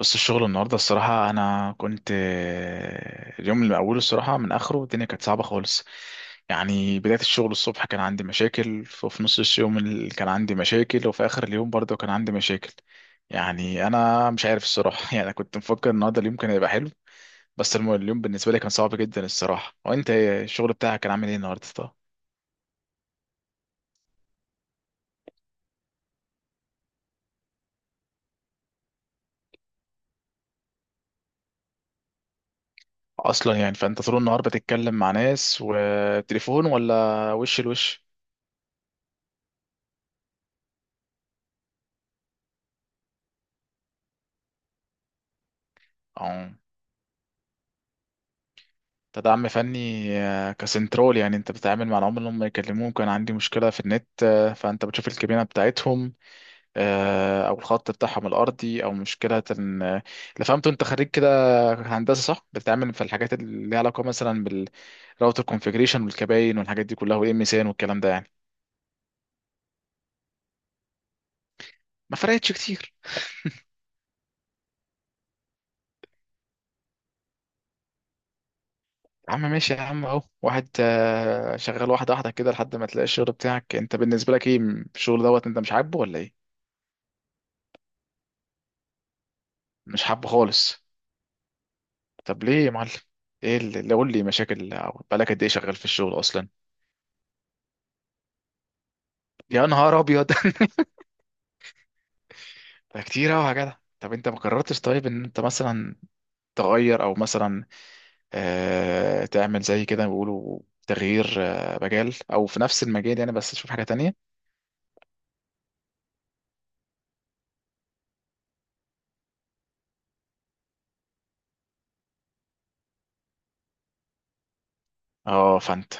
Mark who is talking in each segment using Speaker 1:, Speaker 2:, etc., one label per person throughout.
Speaker 1: بص الشغل النهارده الصراحة أنا كنت اليوم اللي من أوله الصراحة من آخره الدنيا كانت صعبة خالص. يعني بداية الشغل الصبح كان عندي مشاكل، وفي نص اليوم كان عندي مشاكل، وفي آخر اليوم برضه كان عندي مشاكل. يعني أنا مش عارف الصراحة يعني أنا كنت مفكر النهارده اليوم كان هيبقى حلو. بس اليوم بالنسبة لي كان صعب جدا الصراحة، وأنت إيه؟ الشغل بتاعك كان عامل إيه النهارده طب؟ أصلا يعني فأنت طول النهار بتتكلم مع ناس وتليفون ولا وش لوش؟ أه، كدعم فني كسنترول، يعني انت بتتعامل مع العملاء اللي هم يكلموك كان عندي مشكله في النت، فانت بتشوف الكابينه بتاعتهم او الخط بتاعهم الارضي او مشكله آه، اللي فهمته انت خريج كده، هندسه صح؟ بتتعامل في الحاجات اللي ليها علاقه مثلا بالراوتر كونفيجريشن والكباين والحاجات دي كلها والام اس ان والكلام ده يعني. ما فرقتش كتير. يا عم ماشي يا عم، اهو واحد شغال واحده واحده كده لحد ما تلاقي الشغل بتاعك. انت بالنسبه لك ايه الشغل دوت؟ انت مش عاجبه ولا ايه؟ مش حابه خالص؟ طب ليه يا معلم؟ ايه اللي قول لي مشاكل، أو بقالك قد ايه شغال في الشغل اصلا؟ يا نهار ابيض ده كتير قوي يا جدع. طب انت ما قررتش طيب ان انت مثلا تغير او مثلا، آه، تعمل زي كده بيقولوا، تغيير آه مجال او في نفس المجال يعني، بس تشوف حاجة تانية؟ اه فانت.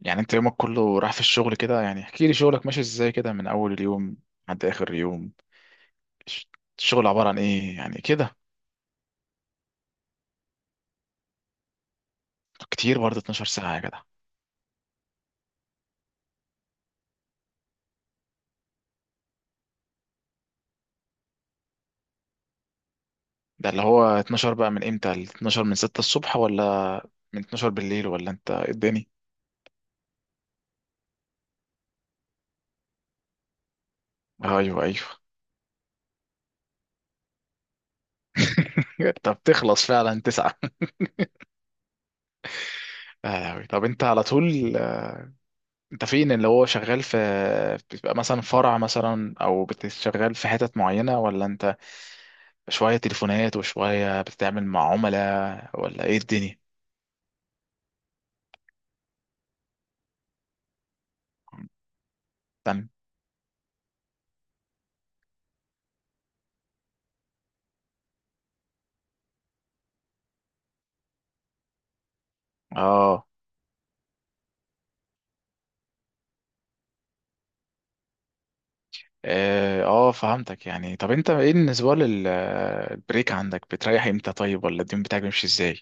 Speaker 1: يعني انت يومك كله راح في الشغل كده؟ يعني احكي لي شغلك ماشي ازاي كده من اول اليوم لحد اخر يوم. الش- الشغل عبارة عن ايه يعني كده؟ كتير برضه 12 ساعة يا جدع. ده اللي هو 12 بقى من امتى؟ ال 12 من 6 الصبح، ولا من 12 بالليل، ولا انت إيه الدنيا؟ ايوه ايوه. طب تخلص فعلا تسعة؟ أوي. طب انت على طول انت فين؟ اللي هو شغال في بتبقى مثلا فرع مثلا، او بتشتغل في حتت معينة، ولا انت شوية تليفونات وشوية بتتعامل مع عملاء؟ ولا ايه الدنيا؟ استنى. اه. اه. فهمتك. يعني طب انت ايه بالنسبة للبريك عندك؟ بتريح امتى طيب، ولا اليوم بتاعك بيمشي ازاي؟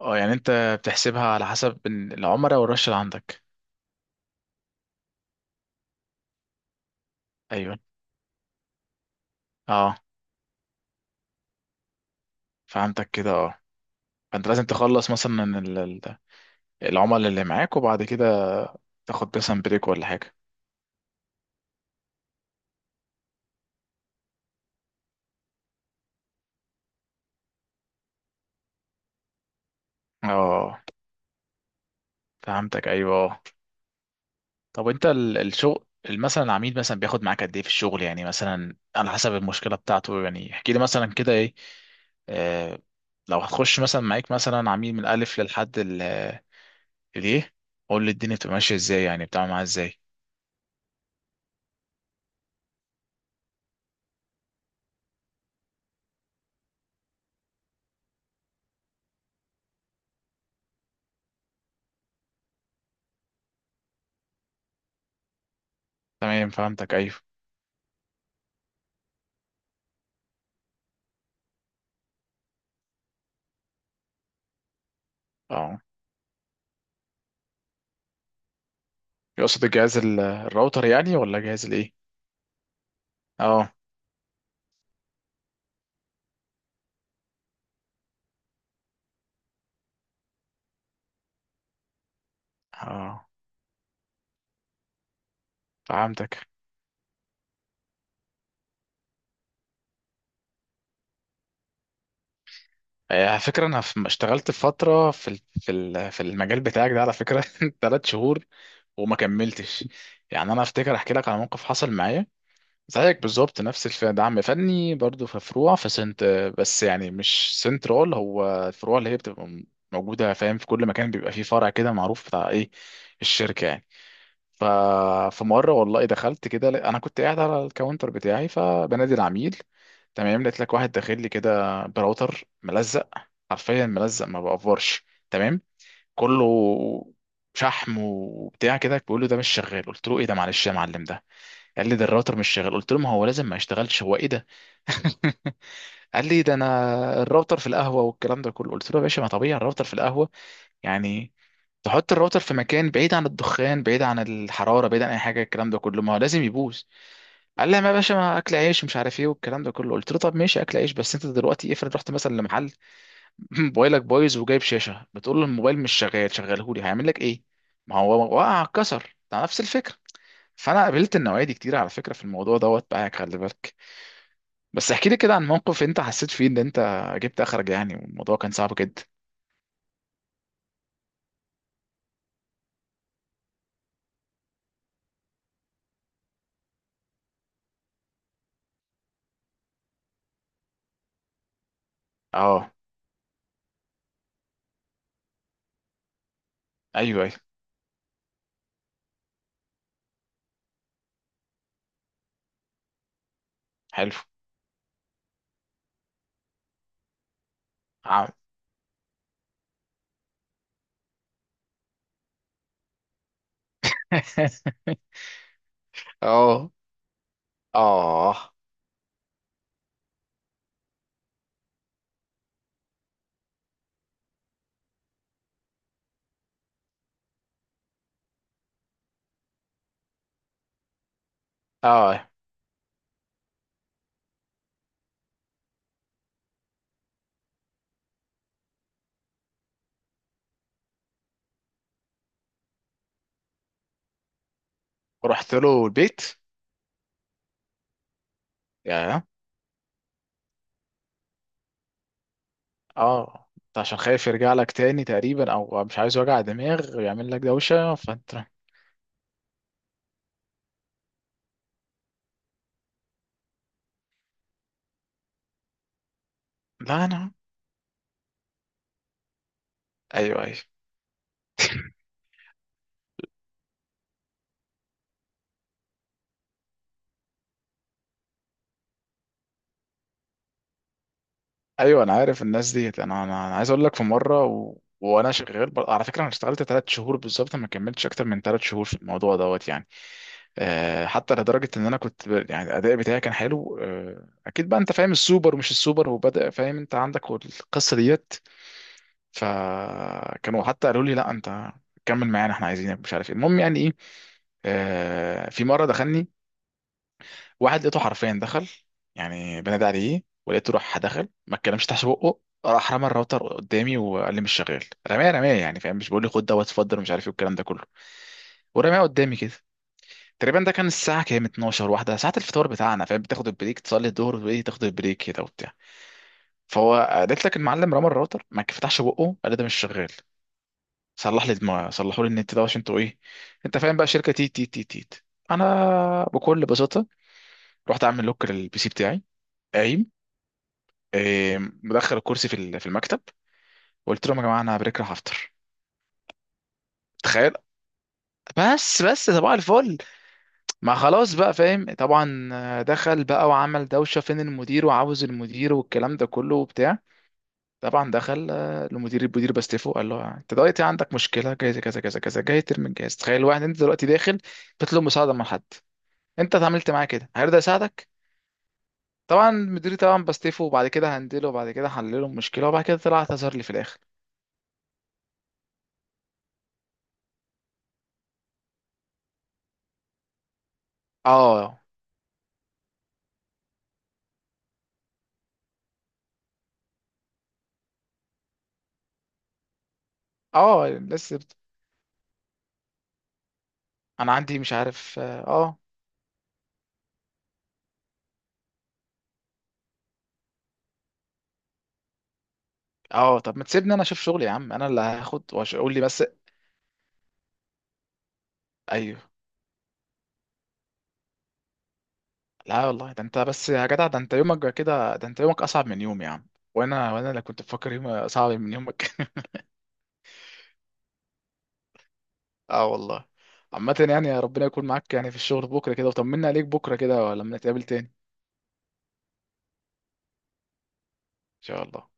Speaker 1: اه، يعني انت بتحسبها على حسب العمرة والرش اللي عندك؟ ايوه اه، فهمتك كده اه. فانت لازم تخلص مثلا العملاء اللي معاك وبعد كده تاخد مثلا بريك ولا حاجة؟ اه فهمتك ايوه اه. طب انت الشغل مثلا العميل مثلا بياخد معاك قد ايه في الشغل، يعني مثلا على حسب المشكلة بتاعته؟ يعني احكي لي مثلا كده ايه. آه، لو هتخش مثلا معاك مثلا عميل من الالف للحد اليه، قول لي الدنيا بتبقى ماشية ازاي، يعني بتعمل معاه ازاي؟ تمام فهمتك ايوه اه. يقصد الجهاز الراوتر يعني ولا جهاز الايه؟ اه. اه فهمتك. على فكره انا اشتغلت فتره في المجال بتاعك ده على فكره ثلاث شهور وما كملتش. يعني انا افتكر احكي لك على موقف حصل معايا زيك بالظبط، نفس دعم فني برضو، في فروع، في سنت، بس يعني مش سنترال. هو الفروع اللي هي بتبقى موجوده فاهم، في كل مكان بيبقى فيه فرع كده معروف بتاع ايه، الشركه يعني. ففي مره والله دخلت كده، انا كنت قاعد على الكاونتر بتاعي فبنادي العميل، تمام. لقيت لك واحد داخل لي كده براوتر ملزق، حرفيا ملزق ما بقفرش تمام، كله شحم وبتاع كده، بيقول له ده مش شغال. قلت له ايه ده، معلش يا معلم ده. قال لي ده الراوتر مش شغال، قلت له ما هو لازم ما يشتغلش، هو ايه ده؟ قال لي ده انا الراوتر في القهوه والكلام ده كله، قلت له يا باشا ما طبيعي، الراوتر في القهوه يعني؟ تحط الراوتر في مكان بعيد عن الدخان، بعيد عن الحراره، بعيد عن اي حاجه الكلام ده كله، ما هو لازم يبوظ. قال لي ما يا باشا ما اكل عيش ومش عارف ايه والكلام ده كله. قلت له طب ماشي اكل عيش، بس انت دلوقتي افرض رحت مثلا لمحل موبايلك بايظ وجايب شاشه بتقول له الموبايل مش شغال شغله لي، هيعمل لك ايه؟ ما هو وقع اتكسر، ده نفس الفكره. فانا قابلت النوعيه دي كتير على فكره في الموضوع دوت بقى، خلي بالك. بس احكي لي كده عن موقف انت حسيت فيه ان انت جبت اخرج يعني، والموضوع كان صعب جدا. اه. ايوه ايوه. حلو. عم. اه. اه. اه. رحت له البيت؟ يا. اه انت عشان خايف يرجع لك تاني تقريبا، او مش عايز وجع دماغ ويعمل لك دوشه فانت. لا انا. ايوه ايوه. ايوه انا عارف الناس ديت. أنا عايز اقول لك في مره على فكره، انا اشتغلت ثلاث شهور بالظبط، ما كملتش اكتر من ثلاث شهور في الموضوع دوت يعني. أه، حتى لدرجه ان انا كنت يعني الاداء بتاعي كان حلو. أه اكيد بقى، انت فاهم السوبر ومش السوبر وبدا، فاهم انت عندك القصه ديت. فكانوا حتى قالوا لي لا انت كمل معانا احنا عايزينك مش عارف ايه. المهم يعني ايه، آه، في مره دخلني واحد، لقيته حرفيا دخل، يعني بنادى عليه ولقيته راح دخل ما اتكلمش تحت بقه، راح رمى الراوتر قدامي وقال لي مش شغال. رماه رماه يعني، فاهم؟ مش بقول لي خد دوت اتفضل ومش عارف ايه الكلام ده كله، ورماه قدامي كده. تقريبا ده كان الساعه كام، 12 واحده، ساعه الفطار بتاعنا فاهم، بتاخد البريك تصلي الظهر وايه، تاخد البريك كده وبتاع. فهو قالت لك المعلم، رمى الراوتر ما فتحش بقه قال لي ده مش شغال، صلح لي دماغي، صلحوا لي النت ده عشان انتوا ايه، انت فاهم بقى، شركه تيت تيت تيت تيت. انا بكل بساطه رحت اعمل لوك للبي سي بتاعي، قايم، مدخل الكرسي في المكتب، وقلت لهم يا جماعه انا بريك راح افطر، تخيل. بس بس طبعا الفل. ما خلاص بقى فاهم طبعا، دخل بقى وعمل دوشه فين المدير وعاوز المدير والكلام ده كله وبتاع. طبعا دخل، المدير المدير باستيفو قال له انت دلوقتي عندك مشكله جاي كذا كذا كذا جاي ترمي الجهاز؟ تخيل واحد انت دلوقتي داخل بتطلب مساعده من حد، انت اتعاملت معاه كده هيرضى يساعدك؟ طبعا مديري طبعا بستيفه، وبعد كده هندله، وبعد كده هحلله المشكله، وبعد كده طلع اعتذر لي في الاخر. اه. اه الناس انا عندي مش عارف اه. اه طب ما تسيبني انا اشوف شغلي يا عم، انا اللي هاخد وقول لي بس. ايوه. لا والله، ده انت بس يا جدع، ده انت يومك كده، ده انت يومك اصعب من يومي يا عم. وانا اللي كنت بفكر يومي صعب من يومك. اه والله. عامة يعني، يا ربنا يكون معاك يعني في الشغل بكرة كده، وطمنا عليك بكرة كده لما نتقابل تاني ان شاء الله.